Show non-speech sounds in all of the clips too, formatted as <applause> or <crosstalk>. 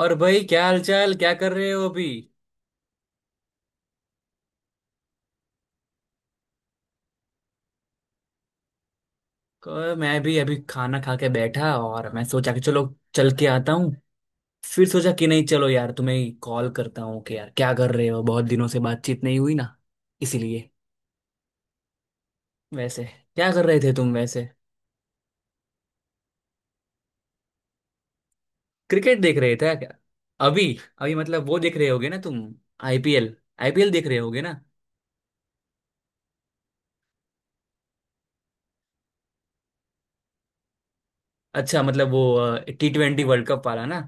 और भाई, क्या हाल चाल, क्या कर रहे हो अभी। मैं भी अभी खाना खा के बैठा, और मैं सोचा कि चलो चल के आता हूँ। फिर सोचा कि नहीं, चलो यार तुम्हें कॉल करता हूँ कि यार क्या कर रहे हो, बहुत दिनों से बातचीत नहीं हुई ना, इसीलिए। वैसे क्या कर रहे थे तुम वैसे। क्रिकेट देख रहे थे क्या। अभी अभी मतलब वो देख रहे होगे ना तुम, आईपीएल। आईपीएल देख रहे होगे ना। अच्छा, मतलब वो T20 वर्ल्ड कप वाला ना।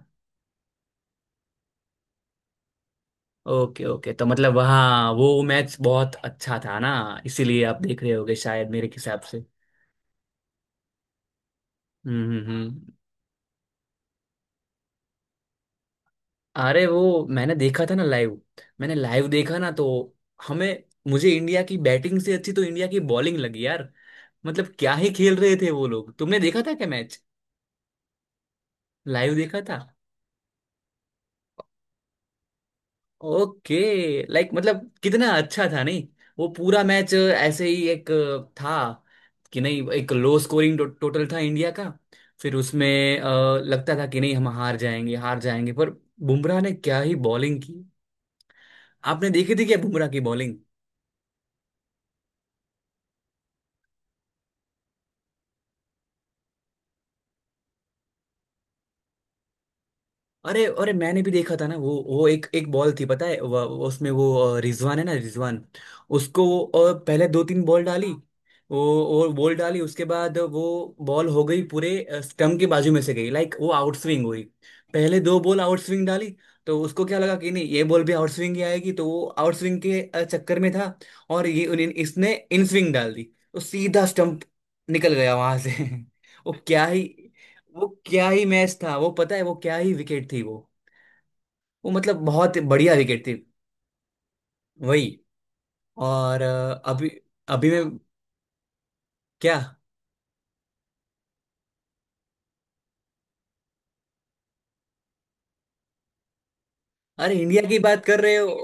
ओके ओके, तो मतलब हाँ, वो मैच बहुत अच्छा था ना, इसीलिए आप देख रहे होगे शायद मेरे हिसाब से। हम्म हम्म हम्म। अरे वो मैंने देखा था ना लाइव। मैंने लाइव देखा ना, तो हमें मुझे इंडिया की बैटिंग से अच्छी तो इंडिया की बॉलिंग लगी यार। मतलब क्या ही खेल रहे थे वो लोग। तुमने देखा था क्या मैच, लाइव देखा था। ओके। लाइक मतलब कितना अच्छा था नहीं। वो पूरा मैच ऐसे ही एक था कि नहीं, एक लो स्कोरिंग टोटल था इंडिया का। फिर उसमें लगता था कि नहीं हम हार जाएंगे हार जाएंगे, पर बुमराह ने क्या ही बॉलिंग की। आपने देखी थी क्या बुमराह की बॉलिंग। अरे अरे, मैंने भी देखा था ना। वो एक एक बॉल थी पता है, वो उसमें वो रिजवान है ना, रिजवान, उसको वो पहले दो तीन बॉल डाली। वो और बॉल डाली, उसके बाद वो बॉल हो गई पूरे स्टम्प के बाजू में से गई। लाइक वो आउट स्विंग हुई। पहले दो बॉल आउट स्विंग डाली, तो उसको क्या लगा कि नहीं ये बॉल भी आउट स्विंग ही आएगी, तो वो आउट स्विंग के चक्कर में था। और ये इसने इन स्विंग डाल दी, तो सीधा स्टम्प निकल गया वहां से। <laughs> वो क्या ही, वो क्या ही मैच था वो। पता है वो क्या ही विकेट थी वो। वो मतलब बहुत बढ़िया विकेट थी वही। और अभी। अभी मैं क्या। अरे इंडिया की बात कर रहे हो।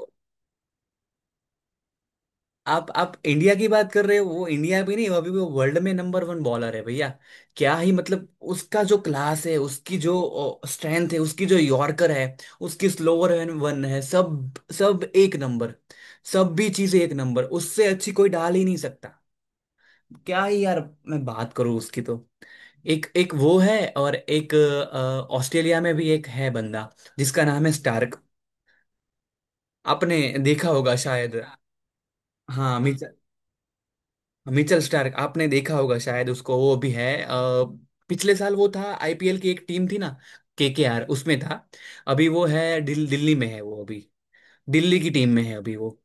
आप इंडिया की बात कर रहे हो, वो इंडिया भी नहीं, अभी वो वर्ल्ड में नंबर वन बॉलर है भैया। क्या ही, मतलब उसका जो क्लास है, उसकी जो स्ट्रेंथ है, उसकी जो यॉर्कर है, उसकी स्लोअर एंड वन है, सब। सब एक नंबर, सब भी चीजें एक नंबर, उससे अच्छी कोई डाल ही नहीं सकता। क्या ही यार। मैं बात करूँ उसकी तो एक एक वो है और एक ऑस्ट्रेलिया में भी एक है बंदा जिसका नाम है स्टार्क, आपने देखा होगा शायद। हाँ, मिचेल मिचेल स्टार्क आपने देखा होगा शायद। उसको वो भी है पिछले साल वो था, आईपीएल की एक टीम थी ना, केकेआर, उसमें था। अभी वो है दिल्ली में है वो अभी। दिल्ली की टीम में है अभी वो।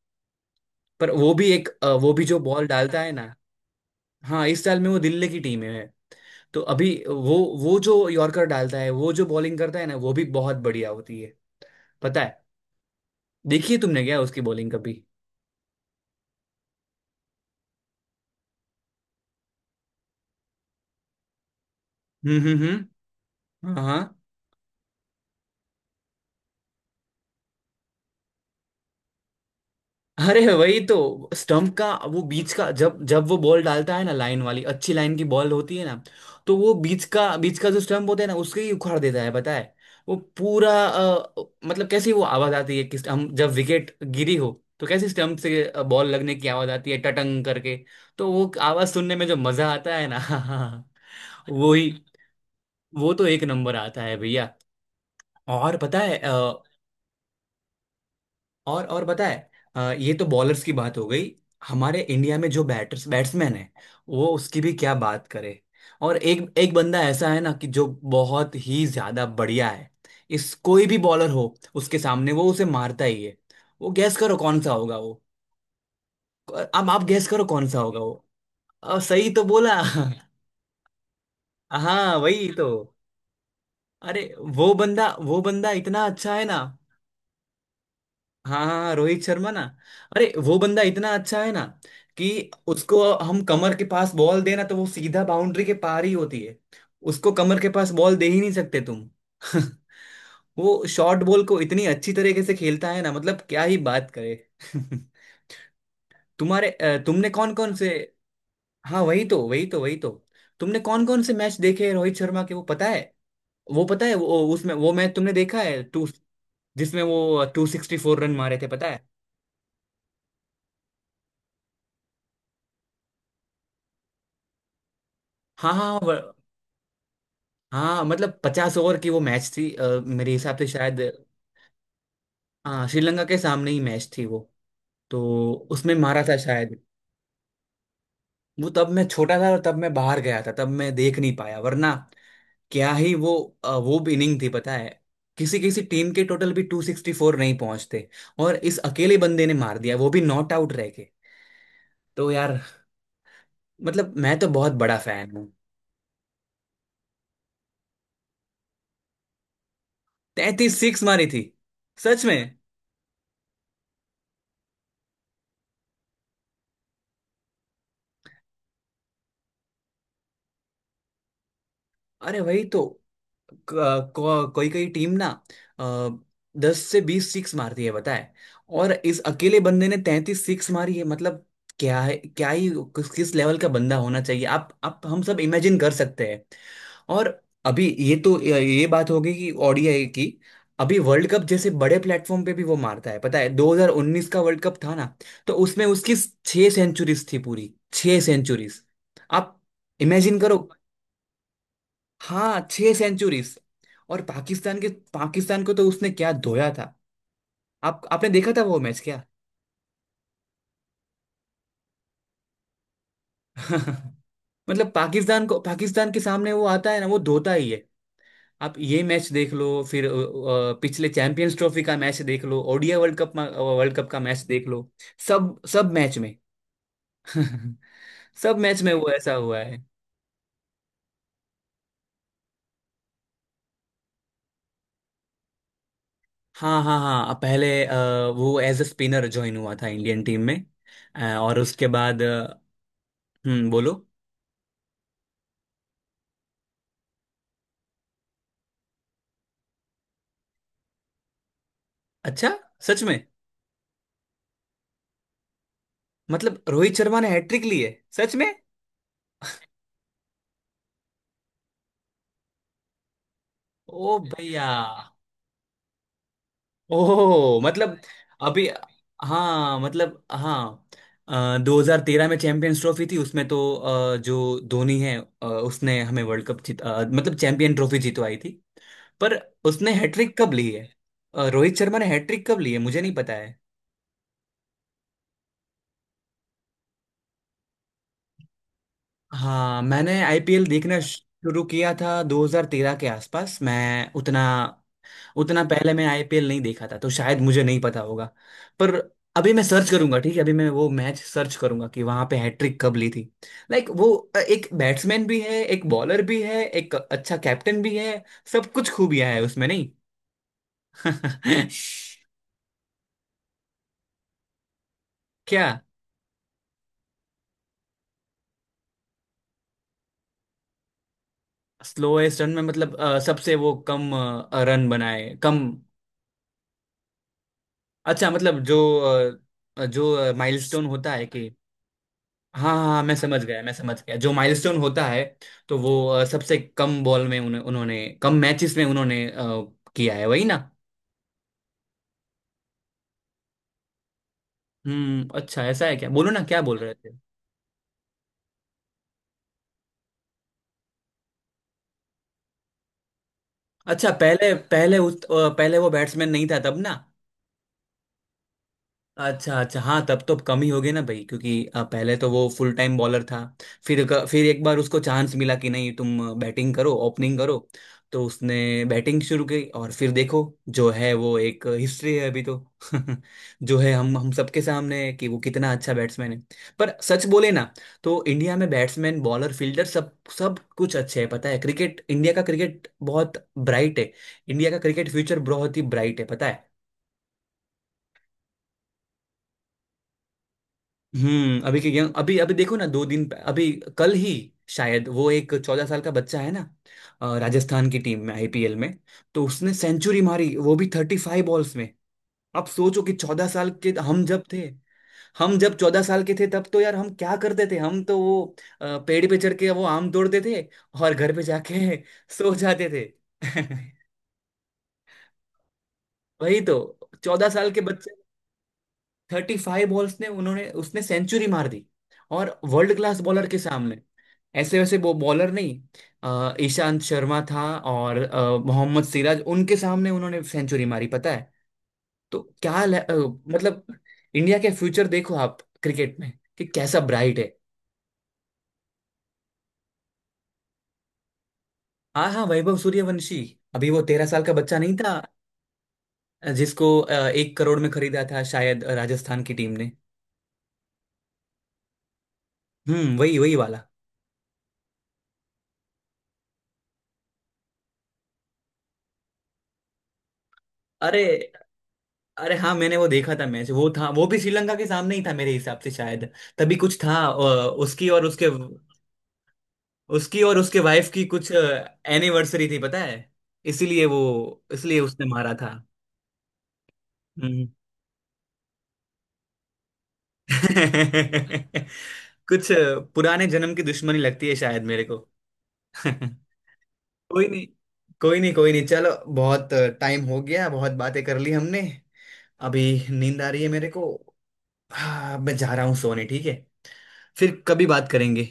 पर वो भी एक वो भी जो बॉल डालता है ना। हाँ इस साल में वो दिल्ली की टीम में है, तो अभी वो जो यॉर्कर डालता है, वो जो बॉलिंग करता है ना, वो भी बहुत बढ़िया होती है पता है। देखिए तुमने क्या उसकी बॉलिंग कभी। हम्म। हाँ हाँ। अरे वही तो, स्टंप का। वो बीच का, जब जब वो बॉल डालता है ना लाइन वाली, अच्छी लाइन की बॉल होती है ना, तो वो बीच का, बीच का जो स्टंप होता है ना, उसके ही उखाड़ देता है पता है। वो पूरा मतलब कैसी वो आवाज आती है, कि हम जब विकेट गिरी हो, तो कैसी स्टंप से बॉल लगने की आवाज आती है टटंग करके। तो वो आवाज सुनने में जो मजा आता है ना। <laughs> वो ही। वो तो एक नंबर आता है भैया। और पता है, और पता है ये तो बॉलर्स की बात हो गई। हमारे इंडिया में जो बैटर्स बैट्समैन है, वो उसकी भी क्या बात करे। और एक एक बंदा ऐसा है ना कि जो बहुत ही ज्यादा बढ़िया है। इस कोई भी बॉलर हो उसके सामने, वो उसे मारता ही है। वो गैस करो कौन सा होगा वो। अब आप गैस करो कौन सा होगा वो। अब सही तो बोला। <laughs> हाँ वही तो। अरे वो बंदा, वो बंदा इतना अच्छा है ना। हाँ हाँ हाँ, रोहित शर्मा ना। अरे वो बंदा इतना अच्छा है ना, कि उसको हम कमर के पास बॉल देना, तो वो सीधा बाउंड्री के पार ही होती है। उसको कमर के पास बॉल दे ही नहीं सकते तुम। <laughs> वो शॉर्ट बॉल को इतनी अच्छी तरीके से खेलता है ना, मतलब क्या ही बात करे। <laughs> तुम्हारे तुमने कौन कौन से। हाँ वही तो वही तो वही तो। तुमने कौन कौन से मैच देखे हैं रोहित शर्मा के, वो पता है। वो पता है वो उसमें, वो मैच तुमने देखा है टू, जिसमें वो 264 रन मारे थे पता है। हाँ हाँ हाँ, मतलब 50 ओवर की वो मैच थी मेरे हिसाब से शायद। हाँ श्रीलंका के सामने ही मैच थी वो, तो उसमें मारा था शायद। वो तब मैं छोटा था और तब मैं बाहर गया था, तब मैं देख नहीं पाया, वरना क्या ही वो। वो भी इनिंग थी पता है। किसी किसी टीम के टोटल भी 264 नहीं पहुंचते, और इस अकेले बंदे ने मार दिया वो भी नॉट आउट रह के। तो यार मतलब मैं तो बहुत बड़ा फैन हूँ। 33 सिक्स मारी थी। सच में। अरे वही तो, कोई कोई टीम ना 10 से 20 सिक्स मारती है बताए, और इस अकेले बंदे ने 33 सिक्स मारी है, मतलब क्या है, क्या ही। किस किस लेवल का बंदा होना चाहिए, आप हम सब इमेजिन कर सकते हैं। और अभी ये तो, ये बात होगी कि ओडीआई की। अभी वर्ल्ड कप जैसे बड़े प्लेटफॉर्म पे भी वो मारता है पता है। 2019 का वर्ल्ड कप था ना, तो उसमें उसकी 6 सेंचुरीज थी, पूरी 6 सेंचुरीज। आप इमेजिन करो। हाँ 6 सेंचुरीज। और पाकिस्तान के, पाकिस्तान को तो उसने क्या धोया था। आप, आपने देखा था वो मैच क्या। <laughs> मतलब पाकिस्तान को, पाकिस्तान के सामने वो आता है ना, वो धोता ही है। आप ये मैच देख लो, फिर पिछले चैंपियंस ट्रॉफी का मैच देख लो, ODI world cup, world cup का मैच देख लो। सब सब मैच में <laughs> सब मैच में वो ऐसा हुआ है। हाँ हाँ हाँ पहले वो एज अ स्पिनर ज्वाइन हुआ था इंडियन टीम में। और उसके बाद बोलो। अच्छा, सच में। मतलब रोहित शर्मा ने हैट्रिक ली है, सच में। ओ भैया। ओ मतलब, अभी। हाँ मतलब हाँ, अ, 2013 में चैंपियंस ट्रॉफी थी, उसमें तो जो धोनी है, उसने हमें वर्ल्ड कप जीत मतलब चैंपियन ट्रॉफी जीतवाई थी। पर उसने हैट्रिक कब ली है, रोहित शर्मा ने हैट्रिक कब ली है, मुझे नहीं पता है। हाँ मैंने आईपीएल देखना शुरू किया था 2013 के आसपास। मैं उतना, उतना पहले मैं आईपीएल नहीं देखा था, तो शायद मुझे नहीं पता होगा। पर अभी मैं सर्च करूंगा, ठीक है, अभी मैं वो मैच सर्च करूंगा कि वहां पे हैट्रिक कब ली थी। लाइक वो एक बैट्समैन भी है, एक बॉलर भी है, एक अच्छा कैप्टन भी है, सब कुछ खूबियां है उसमें नहीं। <laughs> क्या। स्लोएस्ट रन में मतलब सबसे वो कम रन बनाए कम। अच्छा, मतलब जो जो माइलस्टोन होता है कि, हाँ हाँ हाँ, मैं समझ गया मैं समझ गया, जो माइलस्टोन होता है, तो वो सबसे कम बॉल में उन्हें उन्होंने, कम मैचेस में उन्होंने किया है वही ना। हम्म, अच्छा ऐसा है, क्या, बोलो ना, क्या बोल रहे थे। अच्छा, पहले पहले उस पहले वो बैट्समैन नहीं था तब ना। अच्छा अच्छा, हाँ तब तो कम ही हो गए ना भाई, क्योंकि पहले तो वो फुल टाइम बॉलर था। फिर फिर एक बार उसको चांस मिला कि नहीं तुम बैटिंग करो, ओपनिंग करो, तो उसने बैटिंग शुरू की, और फिर देखो जो है वो एक हिस्ट्री है अभी तो। <laughs> जो है हम सबके सामने है कि वो कितना अच्छा बैट्समैन है। पर सच बोले ना, तो इंडिया में बैट्समैन, बॉलर, फील्डर, सब सब कुछ अच्छे है पता है। क्रिकेट, इंडिया का क्रिकेट बहुत ब्राइट है। इंडिया का क्रिकेट फ्यूचर बहुत ही ब्राइट है पता है। हम्म, अभी के यंग, अभी अभी देखो ना, अभी कल ही शायद, वो एक 14 साल का बच्चा है ना राजस्थान की टीम में, आईपीएल में, तो उसने सेंचुरी मारी वो भी 35 बॉल्स में। आप सोचो कि 14 साल के हम जब थे, हम जब 14 साल के थे तब तो यार हम क्या करते थे, हम तो वो पेड़ पे चढ़ के वो आम तोड़ते थे, और घर पे जाके <laughs> सो जाते थे। <laughs> वही तो। 14 साल के बच्चे। 35 बॉल्स ने उन्होंने, उसने सेंचुरी मार दी, और वर्ल्ड क्लास बॉलर के सामने। ऐसे वैसे वो बॉलर नहीं, ईशांत शर्मा था और मोहम्मद सिराज, उनके सामने उन्होंने सेंचुरी मारी पता है। तो क्या मतलब इंडिया के फ्यूचर देखो आप क्रिकेट में, कि कैसा ब्राइट है। हाँ हाँ, वैभव सूर्यवंशी। अभी वो 13 साल का बच्चा नहीं था, जिसको 1 करोड़ में खरीदा था शायद राजस्थान की टीम ने। हम्म, वही वही वाला। अरे अरे हाँ, मैंने वो देखा था मैच। वो था वो भी श्रीलंका के सामने ही था मेरे हिसाब से शायद। तभी कुछ था उसकी और उसके वाइफ की कुछ एनिवर्सरी थी पता है, इसीलिए वो, इसलिए उसने मारा था। हम्म। <laughs> कुछ पुराने जन्म की दुश्मनी लगती है शायद मेरे को। <laughs> कोई नहीं, कोई नहीं, कोई नहीं, चलो। बहुत टाइम हो गया, बहुत बातें कर ली हमने। अभी नींद आ रही है मेरे को। हाँ मैं जा रहा हूँ सोने, ठीक है, फिर कभी बात करेंगे।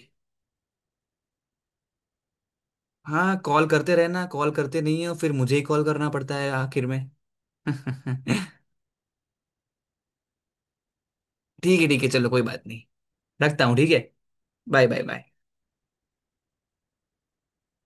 हाँ, कॉल करते रहना, कॉल करते नहीं हो, फिर मुझे ही कॉल करना पड़ता है आखिर में। <laughs> ठीक है। ठीक है चलो, कोई बात नहीं, रखता हूँ ठीक है। Bye bye bye.